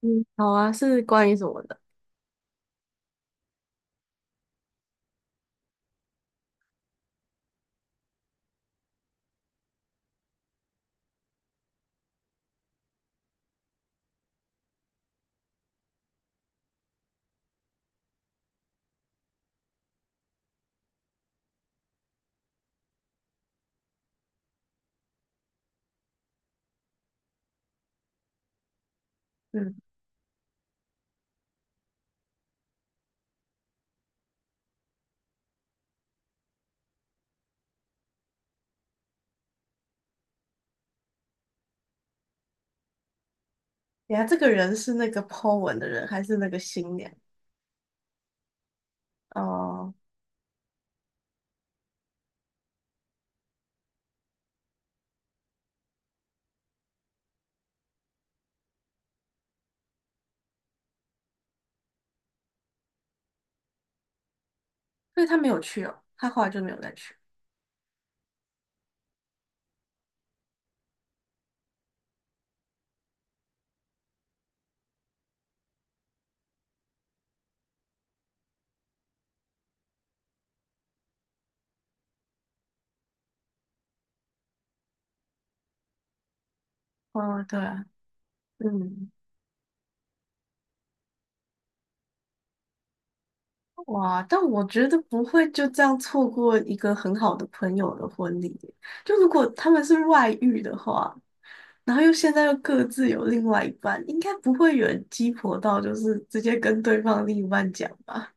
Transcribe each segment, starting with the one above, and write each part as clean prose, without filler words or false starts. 嗯，好啊，是关于什么的？嗯，等下这个人是那个 po 文的人，还是那个新娘？哦，所以他没有去哦，他后来就没有再去。哦，对啊，嗯，哇，但我觉得不会就这样错过一个很好的朋友的婚礼耶。就如果他们是外遇的话，然后又现在又各自有另外一半，应该不会有人鸡婆到就是直接跟对方另一半讲吧？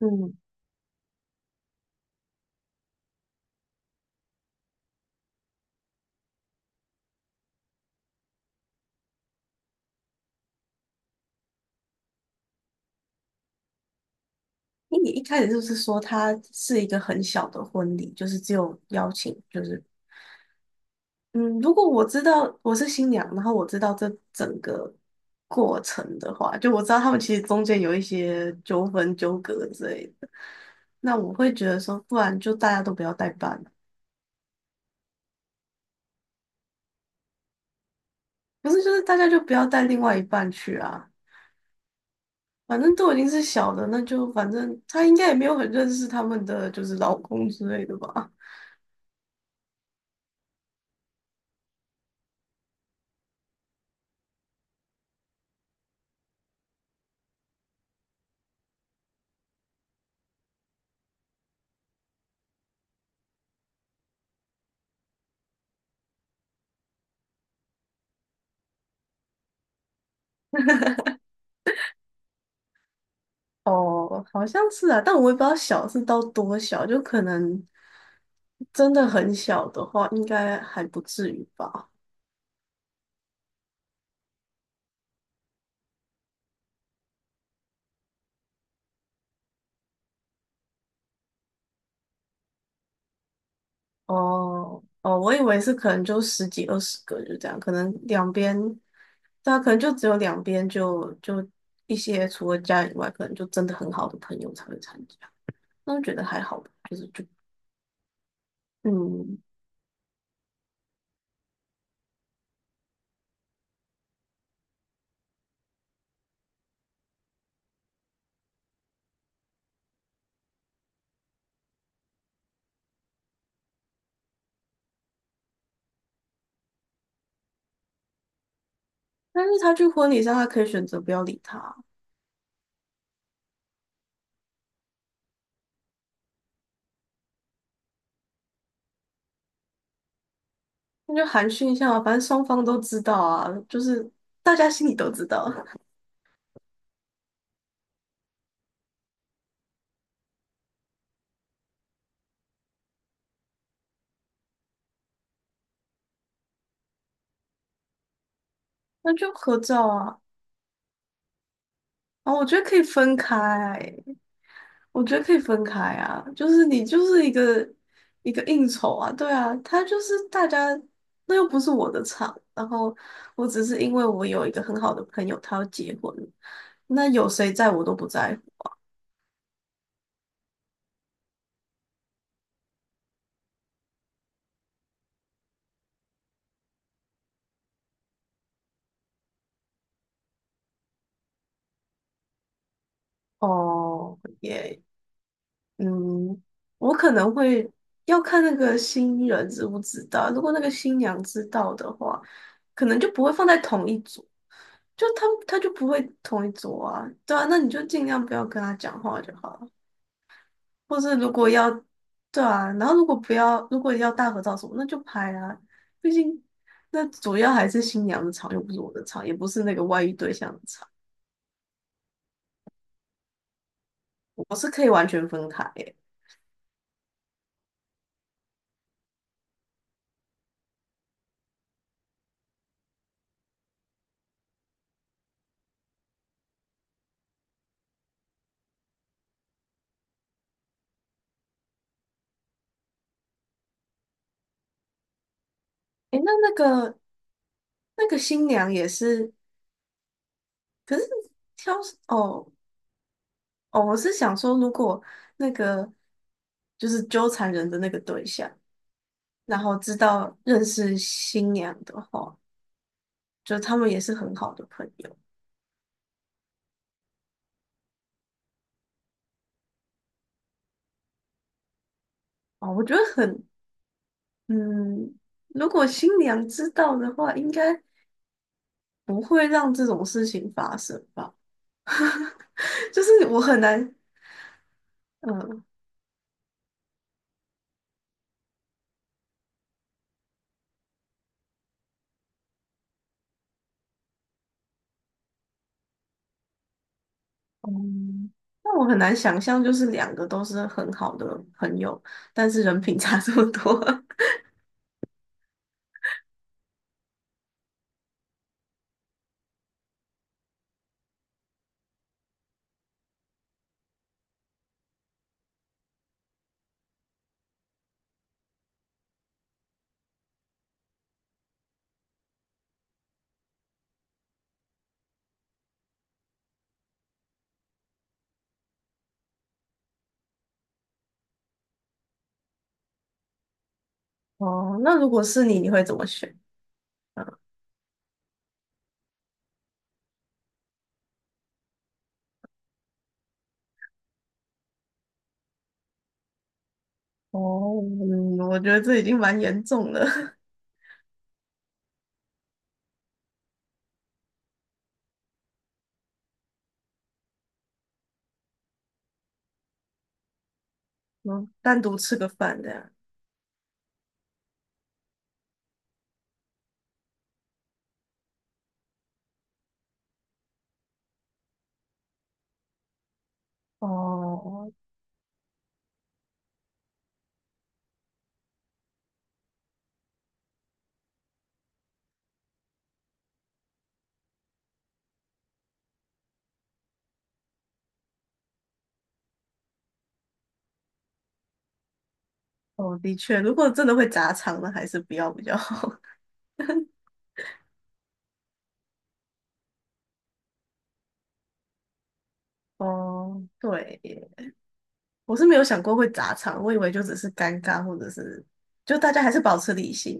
嗯。因为你一开始就是说它是一个很小的婚礼，就是只有邀请，就是嗯，如果我知道我是新娘，然后我知道这整个过程的话，就我知道他们其实中间有一些纠纷、纠葛之类的，那我会觉得说，不然就大家都不要代办，不是就是大家就不要带另外一半去啊，反正都已经是小的，那就反正他应该也没有很认识他们的就是老公之类的吧。哦，好像是啊，但我也不知道小是到多小，就可能真的很小的话，应该还不至于吧。哦哦，我以为是可能就十几二十个，就这样，可能两边，对啊，可能就只有两边就就一些除了家人以外，可能就真的很好的朋友才会参加，那我觉得还好吧，就是就嗯，但是他去婚礼上，他可以选择不要理他，那就寒暄一下嘛，反正双方都知道啊，就是大家心里都知道。那就合照啊。啊，我觉得可以分开，我觉得可以分开啊。就是你就是一个一个应酬啊，对啊，他就是大家，那又不是我的场。然后我只是因为我有一个很好的朋友，他要结婚，那有谁在我都不在乎。哦，耶，嗯，我可能会要看那个新人知不知道。如果那个新娘知道的话，可能就不会放在同一组，就他他就不会同一组啊。对啊，那你就尽量不要跟他讲话就好了。或是如果要，对啊，然后如果不要，如果要大合照什么，那就拍啊。毕竟那主要还是新娘的场，又不是我的场，也不是那个外遇对象的场，我是可以完全分开耶。诶，那那个那个新娘也是。可是挑哦哦，我是想说，如果那个就是纠缠人的那个对象，然后知道认识新娘的话，就他们也是很好的朋友啊。我觉得很嗯，如果新娘知道的话，应该不会让这种事情发生吧？就是我很难，嗯嗯，那我很难想象，就是两个都是很好的朋友，但是人品差这么多。哦，那如果是你，你会怎么选？啊，哦，嗯，我觉得这已经蛮严重了。嗯，单独吃个饭这样。哦，哦，的确，如果真的会砸场，那还是不要比较好。哦，对耶，我是没有想过会砸场，我以为就只是尴尬，或者是就大家还是保持理性。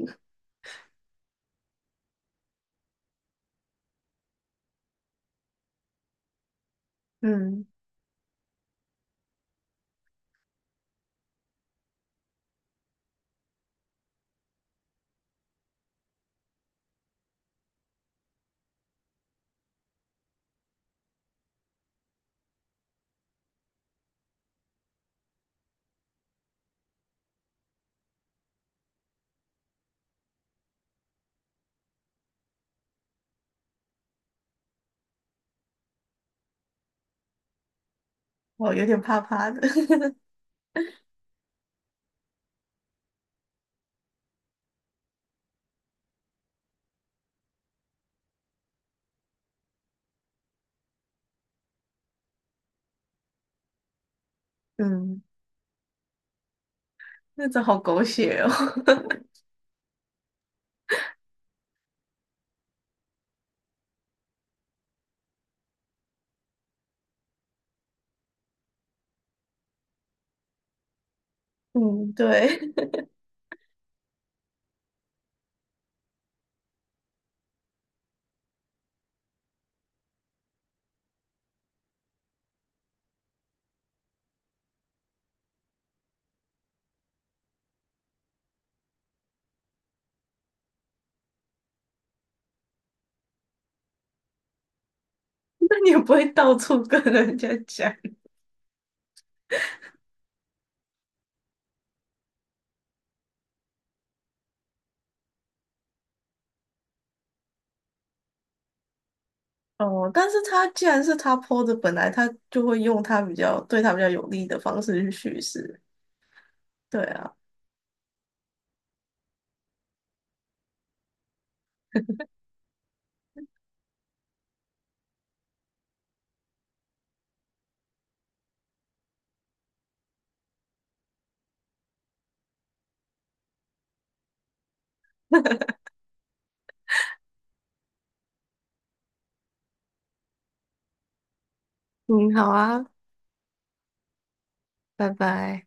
嗯，我有点怕怕的。嗯，那真好狗血哦。嗯，对，那你也不会到处跟人家讲。哦，但是他既然是他 PO 的，本来他就会用他比较对他比较有利的方式去叙事。对啊，嗯，好啊，拜拜。